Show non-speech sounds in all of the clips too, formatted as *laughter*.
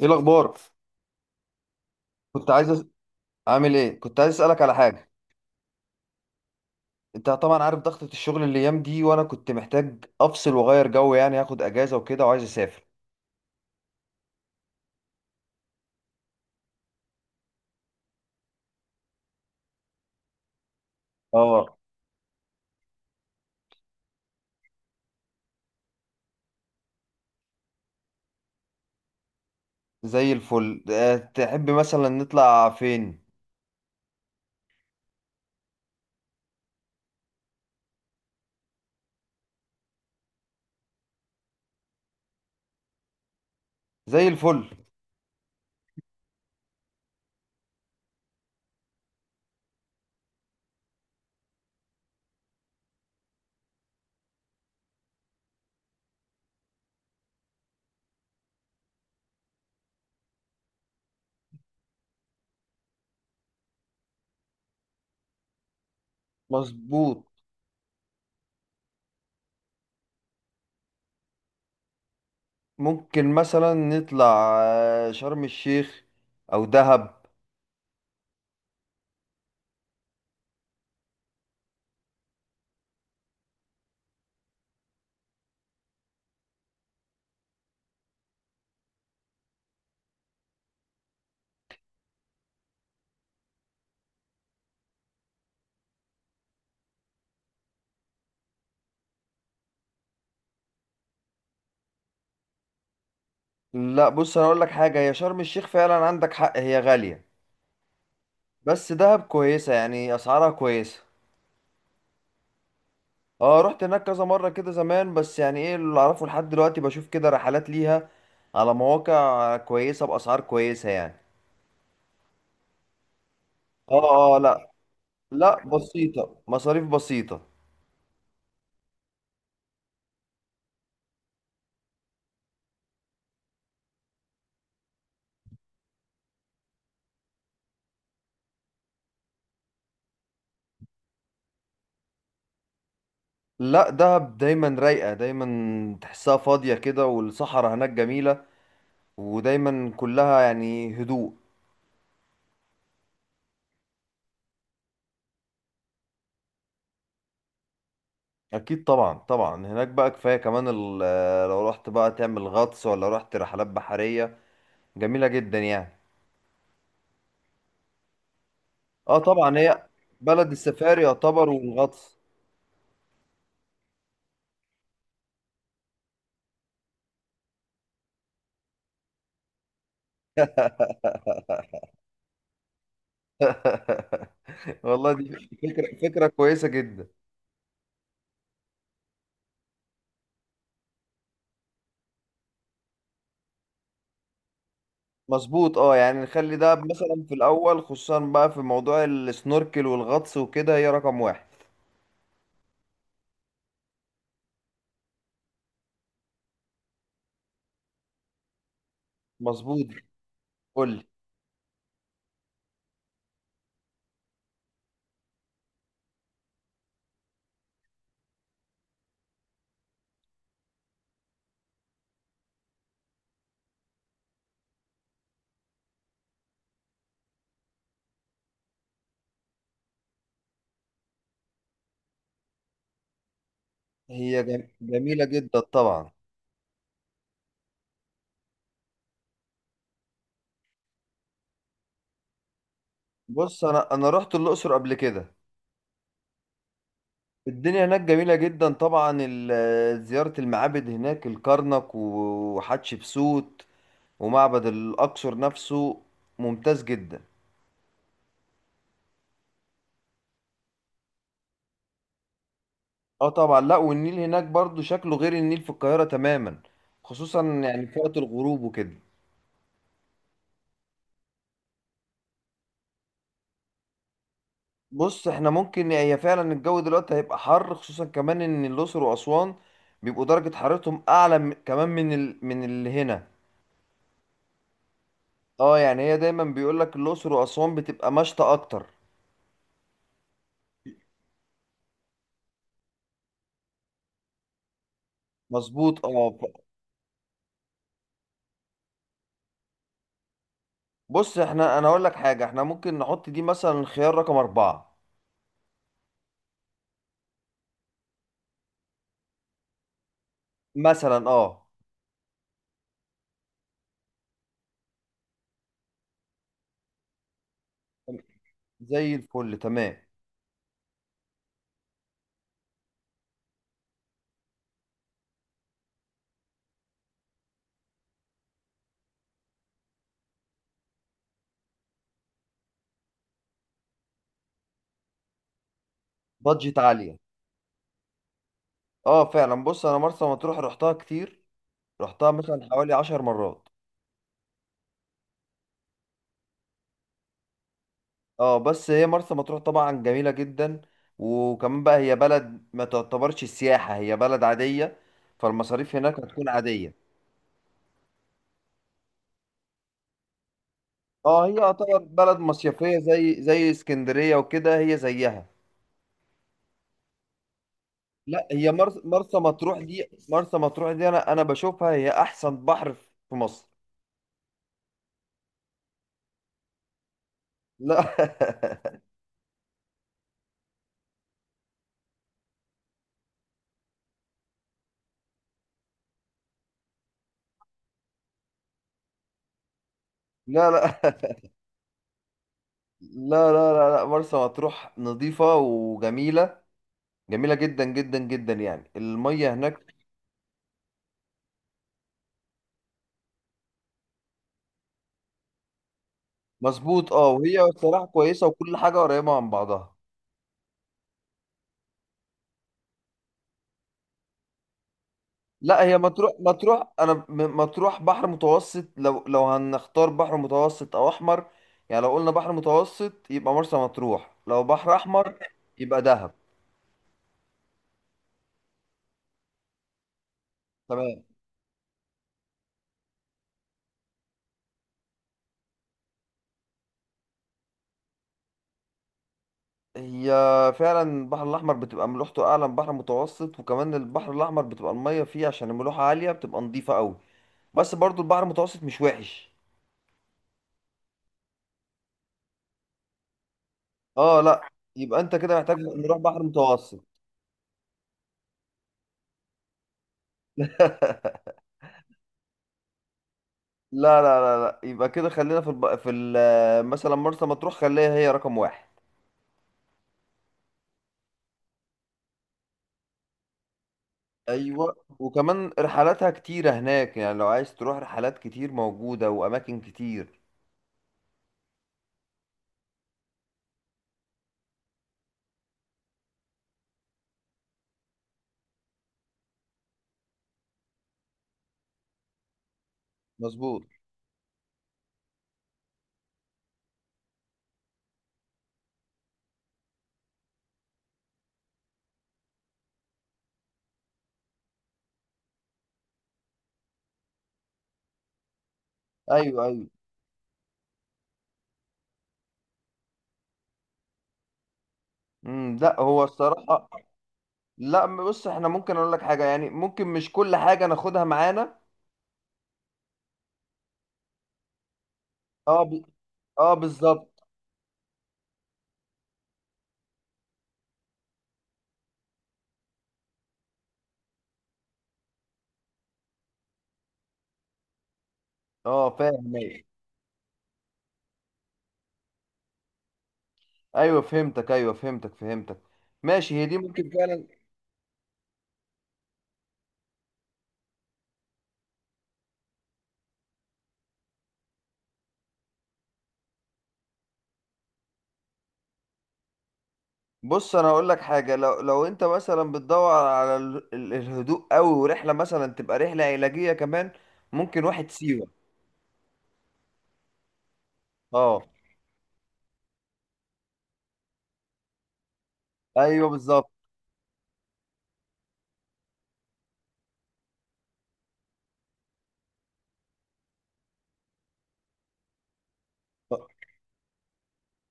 ايه الاخبار؟ كنت عايز عامل ايه؟ كنت عايز اسالك على حاجه. انت طبعا عارف ضغطه الشغل الايام دي، وانا كنت محتاج افصل واغير جو، يعني هاخد اجازه وكده وعايز اسافر. اه، زي الفل. تحب مثلا نطلع فين؟ زي الفل. مظبوط. ممكن مثلا نطلع شرم الشيخ او دهب. لا بص، انا اقول لك حاجه، هي شرم الشيخ فعلا عندك حق هي غاليه، بس دهب كويسه يعني اسعارها كويسه. اه رحت هناك كذا مرة كده زمان، بس يعني ايه اللي اعرفه لحد دلوقتي بشوف كده رحلات ليها على مواقع كويسة بأسعار كويسة يعني. اه اه اه، لا. لا بسيطة، مصاريف بسيطة. لا دهب دايما رايقة، دايما تحسها فاضية كده، والصحراء هناك جميلة ودايما كلها يعني هدوء. اكيد طبعا طبعا. هناك بقى كفاية كمان لو رحت بقى تعمل غطس ولا رحت رحلات بحرية جميلة جدا يعني. اه طبعا، هي بلد السفاري يعتبر والغطس. والله دي فكرة، فكرة كويسة جدا. مظبوط، اه يعني نخلي ده مثلا في الأول، خصوصا بقى في موضوع السنوركل والغطس وكده هي رقم 1. مظبوط. قول لي. هي جميلة جدا طبعا. بص أنا رحت الأقصر قبل كده. الدنيا هناك جميلة جدا طبعا. زيارة المعابد هناك، الكرنك وحتشبسوت ومعبد الأقصر نفسه، ممتاز جدا. اه طبعا، لا والنيل هناك برضو شكله غير النيل في القاهرة تماما، خصوصا يعني في وقت الغروب وكده. بص احنا ممكن، هي فعلا الجو دلوقتي هيبقى حر، خصوصا كمان ان الاقصر واسوان بيبقوا درجة حرارتهم اعلى كمان من من اللي هنا. اه يعني هي دايما بيقول لك الاقصر واسوان بتبقى مشتى اكتر. مظبوط اه بص احنا، انا اقول لك حاجة، احنا ممكن نحط دي مثلا خيار رقم 4. مثلا اه. زي الفل، تمام. بادجت عالية. اه فعلا. بص انا مرسى مطروح رحتها كتير، رحتها مثلا حوالي 10 مرات. اه بس هي مرسى مطروح طبعا جميلة جدا، وكمان بقى هي بلد ما تعتبرش السياحة، هي بلد عادية، فالمصاريف هناك هتكون عادية. اه هي يعتبر بلد مصيفية زي زي اسكندرية وكده، هي زيها. لا هي مرسى مطروح دي، مرسى مطروح دي، انا بشوفها هي احسن بحر في في مصر. لا *laughs* لا لا لا لا، لا لا، مرسى مطروح نظيفة وجميلة، جميلة جدا جدا جدا يعني المية هناك. مظبوط، اه وهي الصراحة كويسة وكل حاجة قريبة من بعضها. لا هي مطروح، مطروح مطروح بحر متوسط، لو هنختار بحر متوسط او احمر. يعني لو قلنا بحر متوسط يبقى مرسى مطروح، لو بحر احمر يبقى دهب. تمام. هي فعلا البحر الاحمر بتبقى ملوحته اعلى من بحر متوسط، وكمان البحر الاحمر بتبقى المية فيه عشان الملوحة عالية بتبقى نظيفة قوي، بس برضو البحر المتوسط مش وحش. اه لا، يبقى انت كده محتاج نروح بحر متوسط. *laughs* لا لا لا لا، يبقى كده خلينا في مثلا مرسى مطروح خليها هي رقم 1. ايوه، وكمان رحلاتها كتيرة هناك، يعني لو عايز تروح رحلات، كتير موجودة واماكن كتير. مظبوط. ايوه ايوه. لا، هو الصراحة، لا بص احنا ممكن، اقول لك حاجة، يعني ممكن مش كل حاجة ناخدها معانا. اه ب... اه بالظبط. اه فاهم، ايوه. أيوة، فهمتك، ايوه فهمتك فهمتك. ماشي، هي دي ممكن فعلا. بص انا هقول لك حاجه، لو لو انت مثلا بتدور على الهدوء قوي، ورحله مثلا تبقى رحله علاجيه كمان، ممكن واحد سيوه. اه. ايوه بالظبط.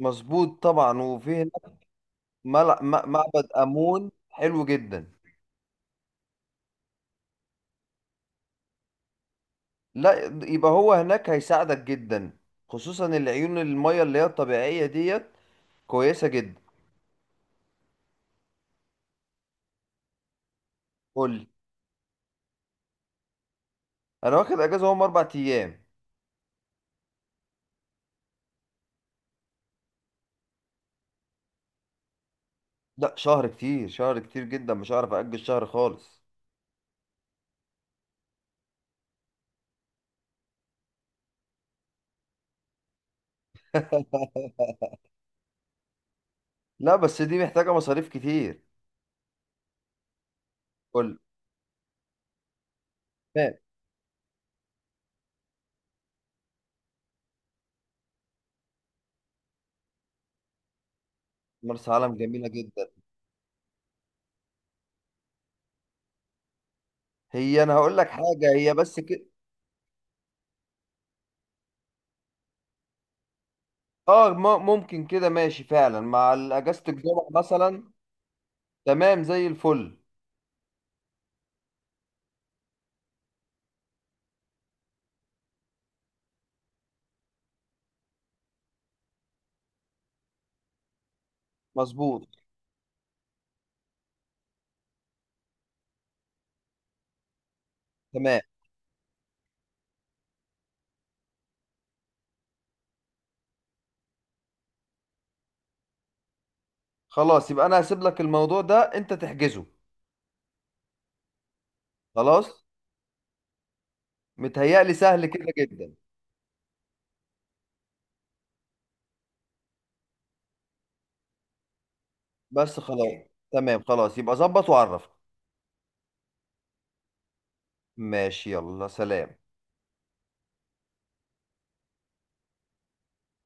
مظبوط طبعا، وفي هناك معبد امون حلو جدا. لا يبقى هو هناك هيساعدك جدا، خصوصا العيون الميه اللي هي الطبيعيه ديت كويسه جدا. قول لي. انا واخد اجازه هم 4 ايام. لا شهر كتير، شهر كتير جدا، مش هعرف اجل شهر خالص. لا بس دي محتاجه مصاريف كتير. قول. تمام. مرسى علم جميلة جدا. هي، أنا هقول لك حاجة، هي بس كده. آه ممكن كده، ماشي فعلا مع أجازة الجمعة مثلا. تمام زي الفل. مظبوط. تمام. خلاص يبقى أنا هسيب لك الموضوع ده أنت تحجزه. خلاص. متهيألي سهل كده جدا. بس خلاص. تمام خلاص، يبقى ظبط وعرف. ماشي، يلا سلام.